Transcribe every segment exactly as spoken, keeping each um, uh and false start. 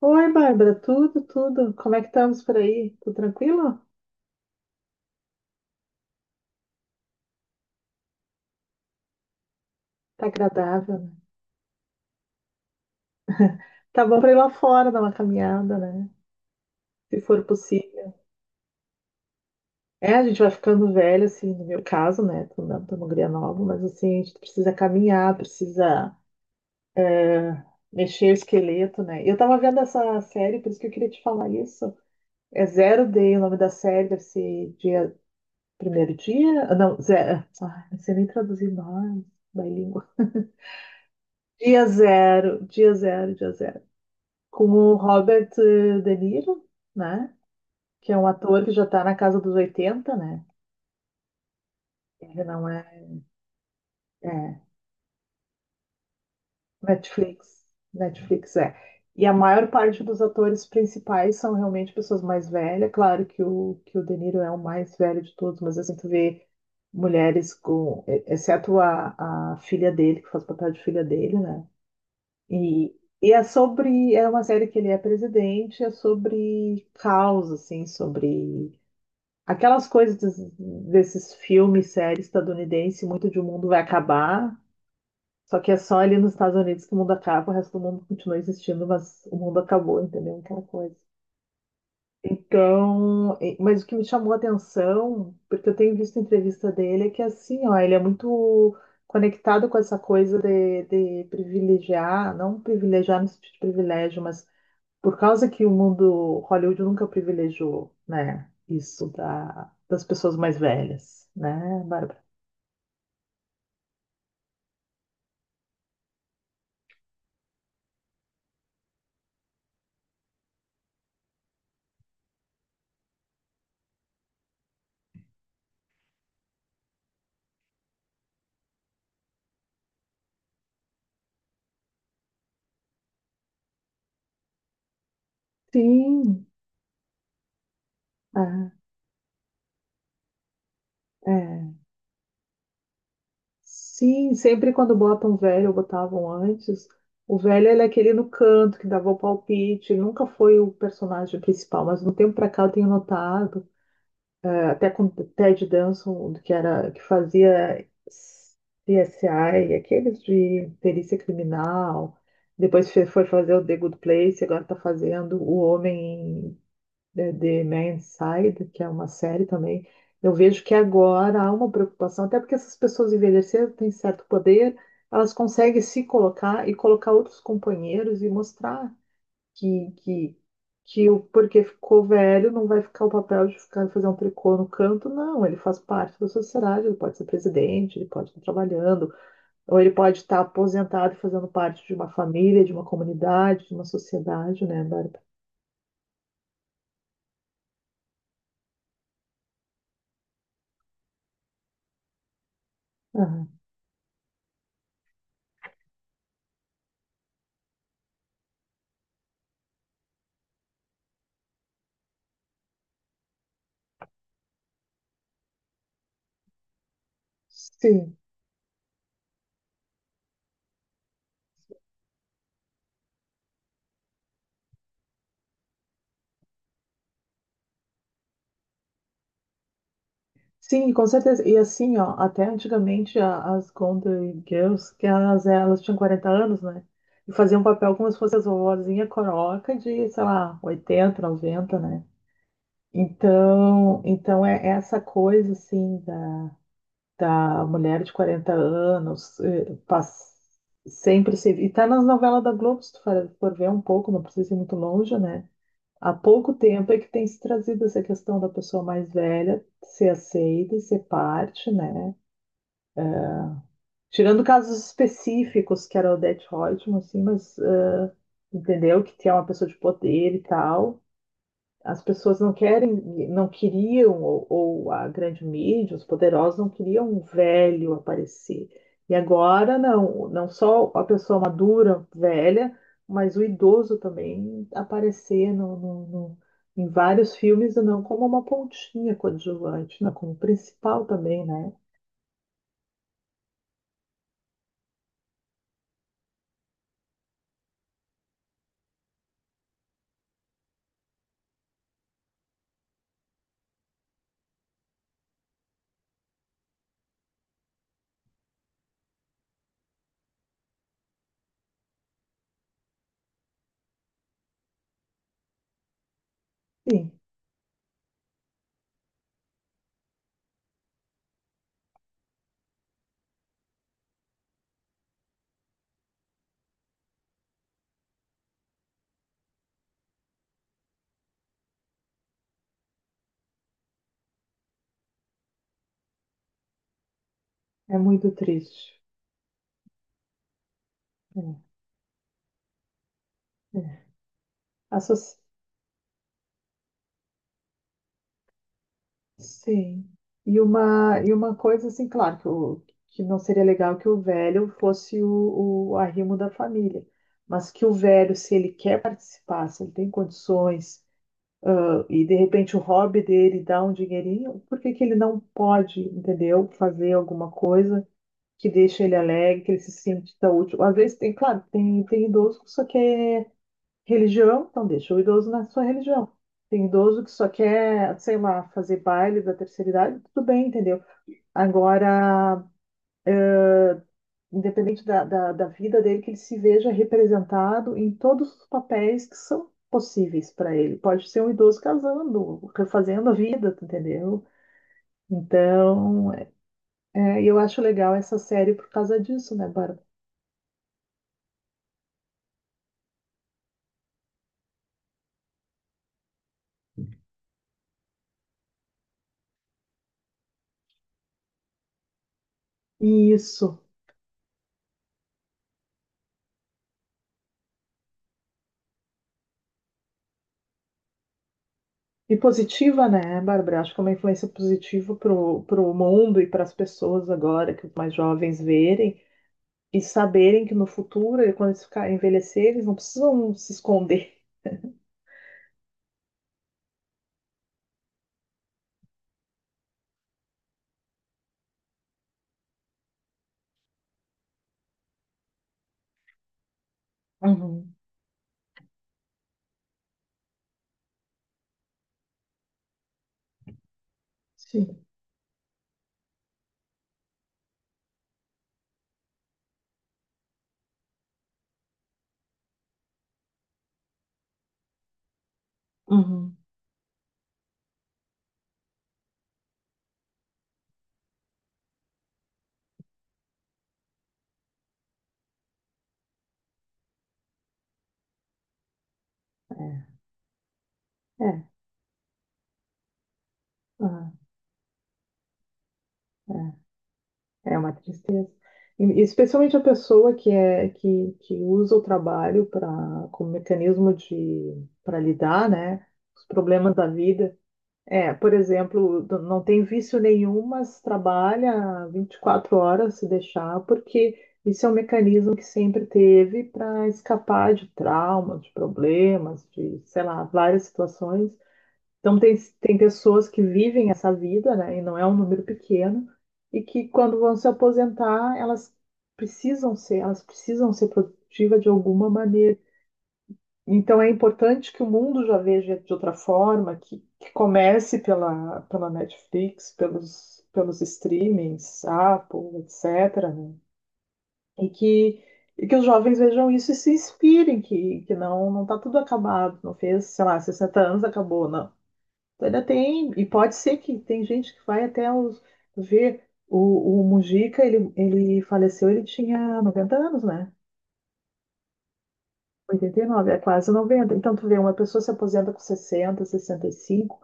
Oi, Bárbara, tudo, tudo. Como é que estamos por aí? Tudo tranquilo? Tá agradável, né? Tá bom pra ir lá fora dar uma caminhada, né? Se for possível. É, a gente vai ficando velho, assim, no meu caso, né? Tô não tô uma guria nova, mas assim, a gente precisa caminhar, precisa ah, mexer o esqueleto, né? Eu tava vendo essa série, por isso que eu queria te falar isso. É Zero Day, o nome da série deve ser dia, primeiro dia? Ah, não, zero. Ai, não sei nem traduzir mais, da língua. Dia zero, dia zero, dia zero. Com o Robert eh, De Niro, né? Que é um ator que já está na casa dos oitenta, né? Ele não é, é Netflix. Netflix é. E a maior parte dos atores principais são realmente pessoas mais velhas. Claro que o, que o De Niro é o mais velho de todos, mas assim, tu vê mulheres com... e- exceto a, a filha dele, que faz papel de filha dele, né? E, e é sobre... É uma série que ele é presidente, é sobre causa, assim, sobre aquelas coisas des- desses filmes, séries estadunidense, muito de o mundo vai acabar, só que é só ali nos Estados Unidos que o mundo acaba, o resto do mundo continua existindo, mas o mundo acabou, entendeu? Aquela coisa. Então, e- mas o que me chamou a atenção, porque eu tenho visto entrevista dele, é que assim, ó, ele é muito conectado com essa coisa de, de privilegiar, não privilegiar no sentido de privilégio, mas por causa que o mundo Hollywood nunca privilegiou, né, isso da, das pessoas mais velhas, né, Bárbara? Sim, ah, é. Sim, sempre quando botam um velho, ou botavam antes, o velho ele é aquele no canto que dava o palpite, ele nunca foi o personagem principal, mas no tempo pra cá eu tenho notado até com o Ted Danson, que era que fazia C S I, aqueles de perícia criminal. Depois fe- foi fazer o The Good Place, agora está fazendo O Homem eh, The Man's Side, que é uma série também. Eu vejo que agora há uma preocupação, até porque essas pessoas envelheceram, têm certo poder, elas conseguem se colocar e colocar outros companheiros e mostrar que, que, que o porque ficou velho não vai ficar o papel de ficar fazer um tricô no canto, não. Ele faz parte da sociedade, ele pode ser presidente, ele pode estar trabalhando, ou ele pode estar aposentado e fazendo parte de uma família, de uma comunidade, de uma sociedade, né, Bárbara? Aham. Sim. Sim, com certeza. E assim, ó, até antigamente a- as Golden Girls, que elas, elas tinham quarenta anos, né? E faziam um papel como se fosse as vovozinha coroca de, sei lá, oitenta noventa, né? Então, então é essa coisa assim da, da mulher de quarenta anos, eh, pass- sempre se e tá nas novelas da Globo, se tu for, for ver um pouco, não precisa ir muito longe, né? Há pouco tempo é que tem se trazido essa questão da pessoa mais velha ser aceita e ser parte, né? Tirando casos específicos, que era o Odete Roitman, assim, mas eh, entendeu que é uma pessoa de poder e tal. As pessoas não querem, não queriam, ou, ou a grande mídia, os poderosos não queriam um velho aparecer. E agora não, não só a pessoa madura, velha, mas o idoso também aparecer no, no- no- em vários filmes, não como uma pontinha coadjuvante, não como principal também, né? Sim, é muito triste. É, é. A soci- Sim. E uma, e uma coisa assim, claro, que, o, que não seria legal que o velho fosse o, o arrimo da família, mas que o velho, se ele quer participar, se ele tem condições, e de repente o hobby dele dá um dinheirinho, por que que ele não pode, entendeu? Fazer alguma coisa que deixe ele alegre, que ele se sinta útil. Às vezes tem, claro, tem, tem idoso que só quer religião, então deixa o idoso na sua religião. Tem idoso que só quer, sei lá, fazer baile da terceira idade, tudo bem, entendeu? Agora, independente da, da, da vida dele, que ele se veja representado em todos os papéis que são possíveis para ele. Pode ser um idoso casando, refazendo a vida, tu entendeu? Então, é, eu acho legal essa série por causa disso, né, Bárbara? Isso. E positiva, né, Bárbara? Acho que é uma influência positiva para o mundo e para as pessoas agora, que os mais jovens verem e saberem que no futuro, quando eles ficarem envelhecer, eles não precisam se esconder. Uhum, sim. Uhum. É, é, ah, é, é uma tristeza. E, especialmente a pessoa que, é, que, que usa o trabalho pra, como mecanismo de para lidar, né, com os problemas da vida. É, por exemplo, do- não tem vício nenhum, mas trabalha vinte e quatro horas se deixar, porque isso é um mecanismo que sempre teve para escapar de traumas, de problemas, de, sei lá, várias situações. Então, tem, tem pessoas que vivem essa vida, né, e não é um número pequeno, e que quando vão se aposentar, elas precisam ser, elas precisam ser produtivas de alguma maneira. Então é importante que o mundo já veja de outra forma, que, que comece pela, pela Netflix, pelos, pelos streamings, Apple, etcétera né? E que, e que os jovens vejam isso e se inspirem, que, que não não está tudo acabado, não fez, sei lá, sessenta anos, acabou, não. Ainda tem, e pode ser que tem gente que vai até os, ver o, o Mujica, ele, ele faleceu, ele tinha noventa anos, né? Oitenta e nove é quase noventa. Então, tu vê, uma pessoa se aposenta com sessenta, sessenta sessenta e cinco,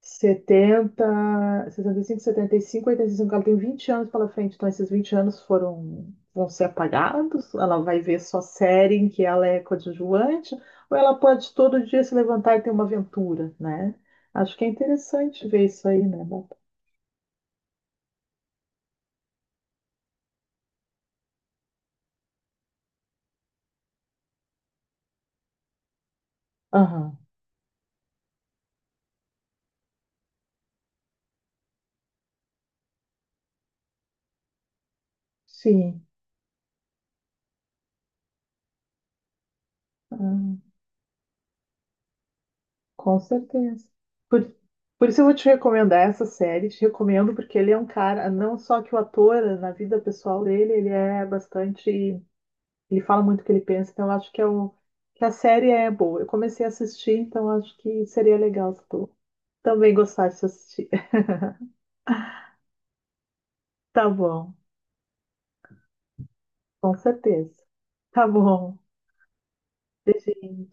setenta, sessenta e cinco, setenta, sessenta, sessenta e cinco, setenta, sessenta e cinco, setenta e cinco, oitenta e cinco, ela tem vinte anos pela frente. Então, esses vinte anos foram, vão ser apagados, ela vai ver só série em que ela é coadjuvante, ou ela pode todo dia se levantar e ter uma aventura, né? Acho que é interessante ver isso aí, né? Bárbara? Aham, sim. Ah, com certeza. Por, por isso eu vou te recomendar essa série. Te recomendo porque ele é um cara, não só que o ator, na vida pessoal dele, ele é bastante. Ele fala muito o que ele pensa, então eu acho que, é um, que a série é boa. Eu comecei a assistir, então eu acho que seria legal se tu também gostasse de assistir. Tá bom, com certeza. Tá bom. Beijinho.